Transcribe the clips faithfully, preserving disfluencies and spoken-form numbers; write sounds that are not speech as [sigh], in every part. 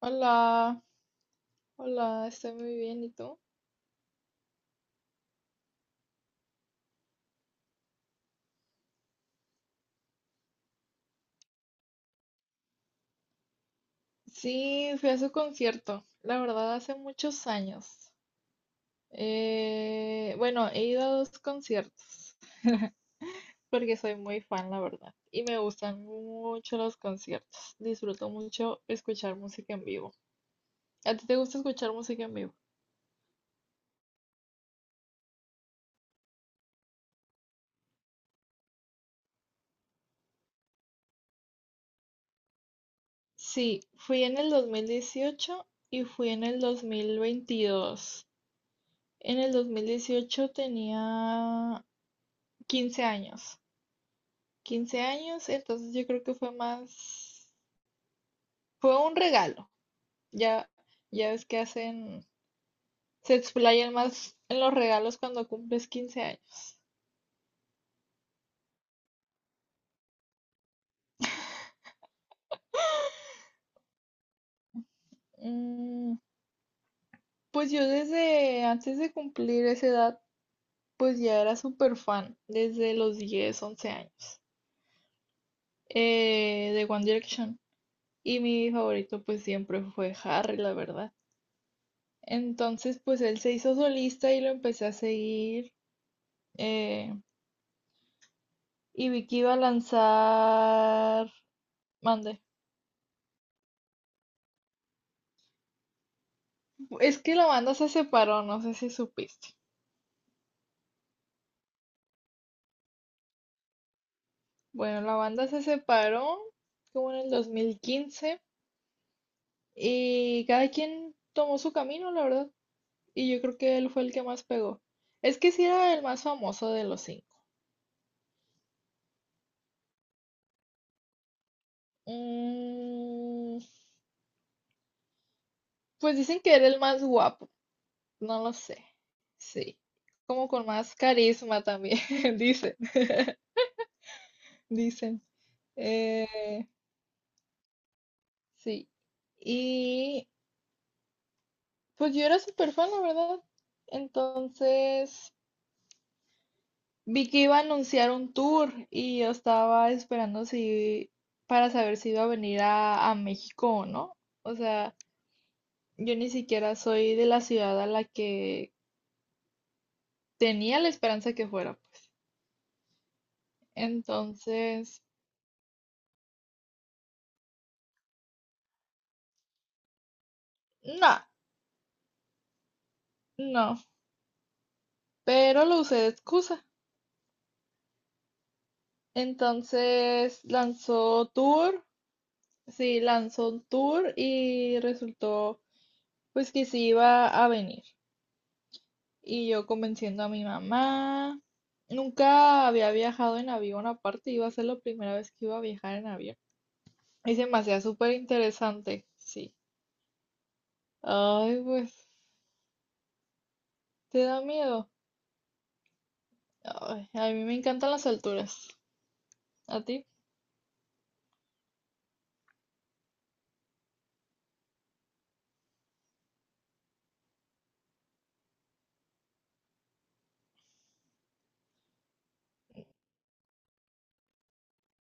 Hola, hola, estoy muy bien, ¿y tú? Sí, fui a su concierto, la verdad, hace muchos años. Eh, bueno, he ido a dos conciertos, porque soy muy fan, la verdad, y me gustan mucho los conciertos. Disfruto mucho escuchar música en vivo. ¿A ti te gusta escuchar música en vivo? Sí, fui en el dos mil dieciocho y fui en el dos mil veintidós. En el dos mil dieciocho tenía quince años. Quince años, entonces yo creo que fue más, fue un regalo. Ya, ya ves que hacen, se explayan más en los regalos cuando cumples quince años. Mm, pues yo desde antes de cumplir esa edad, pues ya era súper fan, desde los diez once años, eh, de One Direction. Y mi favorito pues siempre fue Harry, la verdad. Entonces pues él se hizo solista y lo empecé a seguir. eh, y vi que iba a lanzar. Mande. Es que la banda se separó, no sé si supiste. Bueno, la banda se separó como en el dos mil quince y cada quien tomó su camino, la verdad. Y yo creo que él fue el que más pegó. Es que sí era el más famoso de los cinco. Mm, pues dicen que era el más guapo, no lo sé. Sí, como con más carisma también, [laughs] dicen. [laughs] Dicen. Eh, sí. Y pues yo era súper fan, la verdad. Entonces vi que iba a anunciar un tour y yo estaba esperando si para saber si iba a venir a, a México o no. O sea, yo ni siquiera soy de la ciudad a la que tenía la esperanza que fuera, pues. Entonces, no, no. Pero lo usé de excusa. Entonces lanzó tour, sí, lanzó un tour y resultó pues que sí iba a venir. Y yo convenciendo a mi mamá. Nunca había viajado en avión, aparte iba a ser la primera vez que iba a viajar en avión. Y se me hacía súper interesante, sí. Ay, pues, ¿te da miedo? Ay, a mí me encantan las alturas. ¿A ti?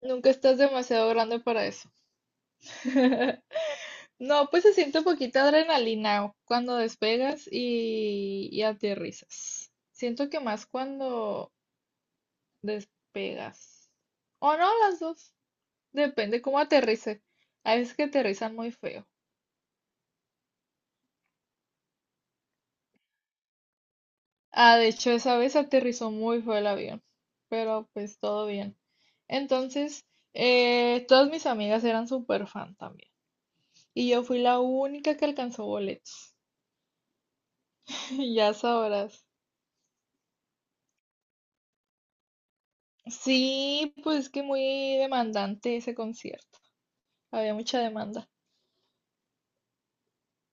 Nunca estás demasiado grande para eso. [laughs] No, pues se siente poquita adrenalina cuando despegas y, y aterrizas. Siento que más cuando despegas. O no, las dos. Depende cómo aterrice. Hay veces que aterrizan muy feo. Ah, de hecho, esa vez aterrizó muy feo el avión, pero pues todo bien. Entonces, eh, todas mis amigas eran súper fan también. Y yo fui la única que alcanzó boletos. [laughs] Ya sabrás. Sí, pues que muy demandante ese concierto. Había mucha demanda.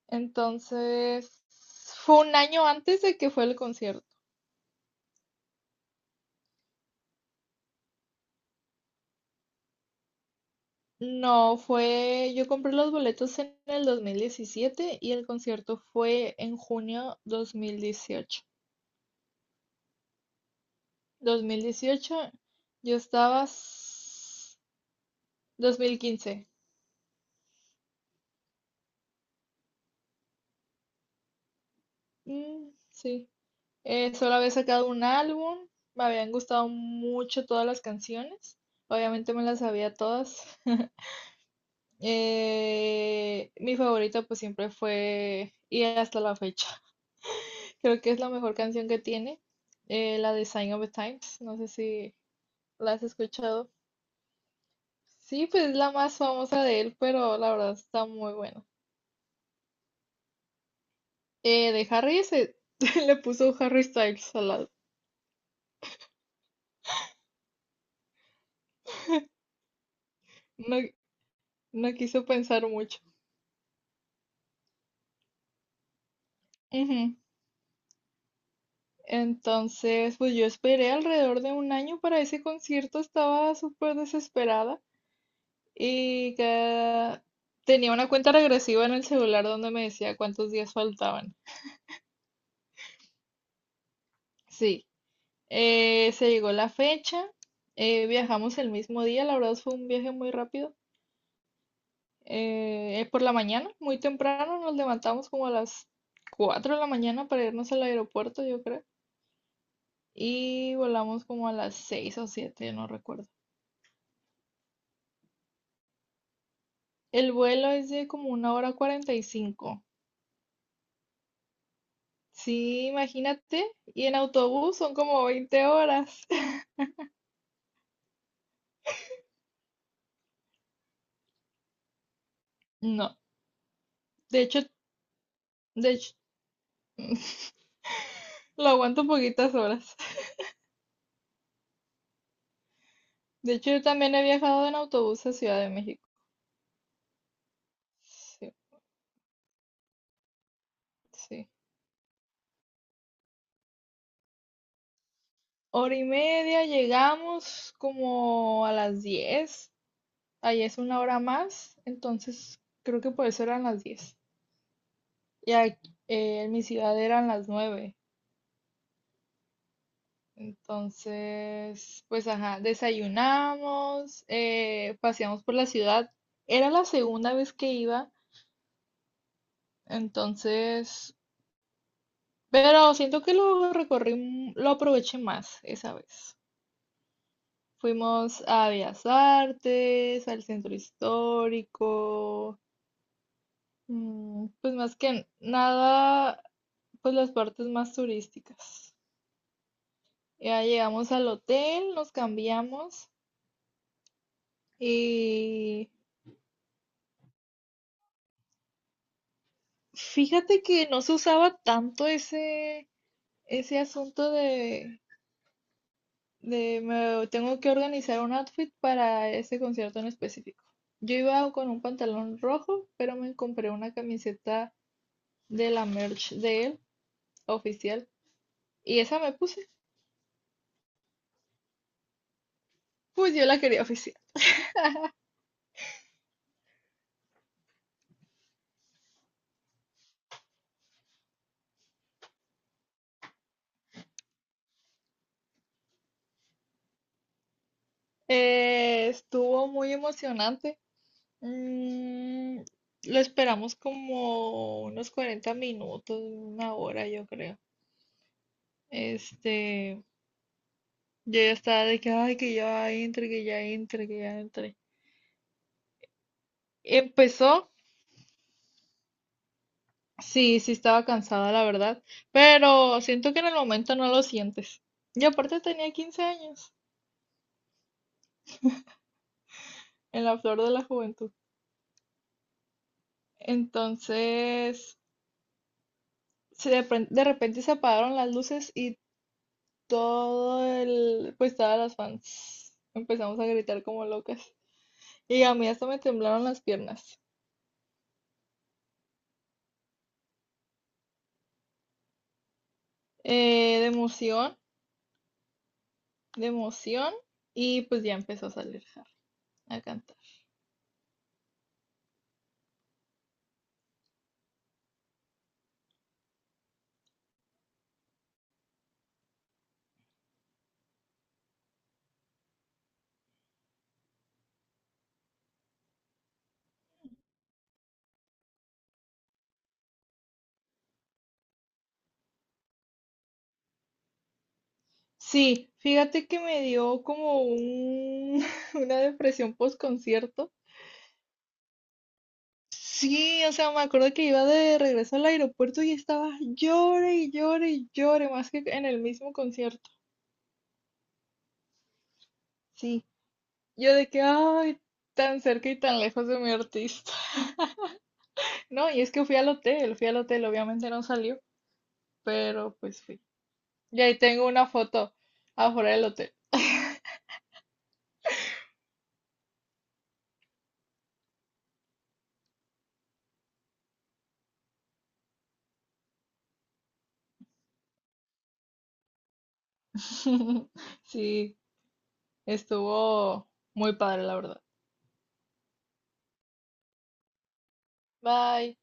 Entonces, fue un año antes de que fue el concierto. No, fue, yo compré los boletos en el dos mil diecisiete y el concierto fue en junio dos mil dieciocho. dos mil dieciocho, yo estaba s- dos mil quince. Mm, sí. Eh, solo había sacado un álbum, me habían gustado mucho todas las canciones, obviamente me las sabía todas. [laughs] Eh, mi favorita pues siempre fue, y hasta la fecha. Creo que es la mejor canción que tiene, eh, la de Sign of the Times. No sé si la has escuchado. Sí, pues es la más famosa de él, pero la verdad está muy buena. Eh, de Harry se [laughs] le puso Harry Styles al lado. No, no quiso pensar mucho. Ujú. Entonces, pues yo esperé alrededor de un año para ese concierto, estaba súper desesperada y que tenía una cuenta regresiva en el celular donde me decía cuántos días faltaban. Sí. Eh, se llegó la fecha, eh, viajamos el mismo día, la verdad fue un viaje muy rápido. Eh, por la mañana, muy temprano, nos levantamos como a las cuatro de la mañana para irnos al aeropuerto, yo creo, y volamos como a las seis o siete, no recuerdo. El vuelo es de como una hora cuarenta y cinco. Sí, imagínate, y en autobús son como veinte horas. [laughs] No, de hecho, de hecho, [laughs] lo aguanto poquitas horas. De hecho, yo también he viajado en autobús a Ciudad de México. Sí, sí. Hora y media, llegamos como a las diez. Ahí es una hora más, entonces creo que por eso eran las diez. Y aquí, eh, en mi ciudad eran las nueve. Entonces, pues ajá, desayunamos, eh, paseamos por la ciudad. Era la segunda vez que iba, entonces, pero siento que lo recorrí, m- lo aproveché más esa vez. Fuimos a Bellas Artes, al centro histórico, mm, pues más que nada, pues las partes más turísticas. Ya llegamos al hotel, nos cambiamos y fíjate que no se usaba tanto ese, ese asunto de, de me tengo que organizar un outfit para ese concierto en específico. Yo iba con un pantalón rojo, pero me compré una camiseta de la merch de él. Oficial. Y esa me puse. Pues yo la quería oficial. Eh, estuvo muy emocionante. Mm, lo esperamos como unos cuarenta minutos, una hora, yo creo. Este, yo ya estaba de que, ay, que ya entre, que ya entre, que ya entre. Empezó, sí, sí estaba cansada, la verdad, pero siento que en el momento no lo sientes. Y aparte tenía quince años, en la flor de la juventud. Entonces, se de, pren- de repente se apagaron las luces y todo el, pues todas las fans empezamos a gritar como locas. Y a mí hasta me temblaron las piernas. eh, de emoción, de emoción. Y pues ya empezó a salir Harry a cantar. Sí, fíjate que me dio como un- [laughs] una depresión post concierto. Sí, o sea, me acuerdo que iba de regreso al aeropuerto y estaba llore y llore y llore, más que en el mismo concierto. Sí. Yo de que, ay, tan cerca y tan lejos de mi artista. [laughs] No, y es que fui al hotel, fui al hotel, obviamente no salió, pero pues fui. Y ahí tengo una foto afuera del hotel. [laughs] Sí, estuvo muy padre, la verdad. Bye.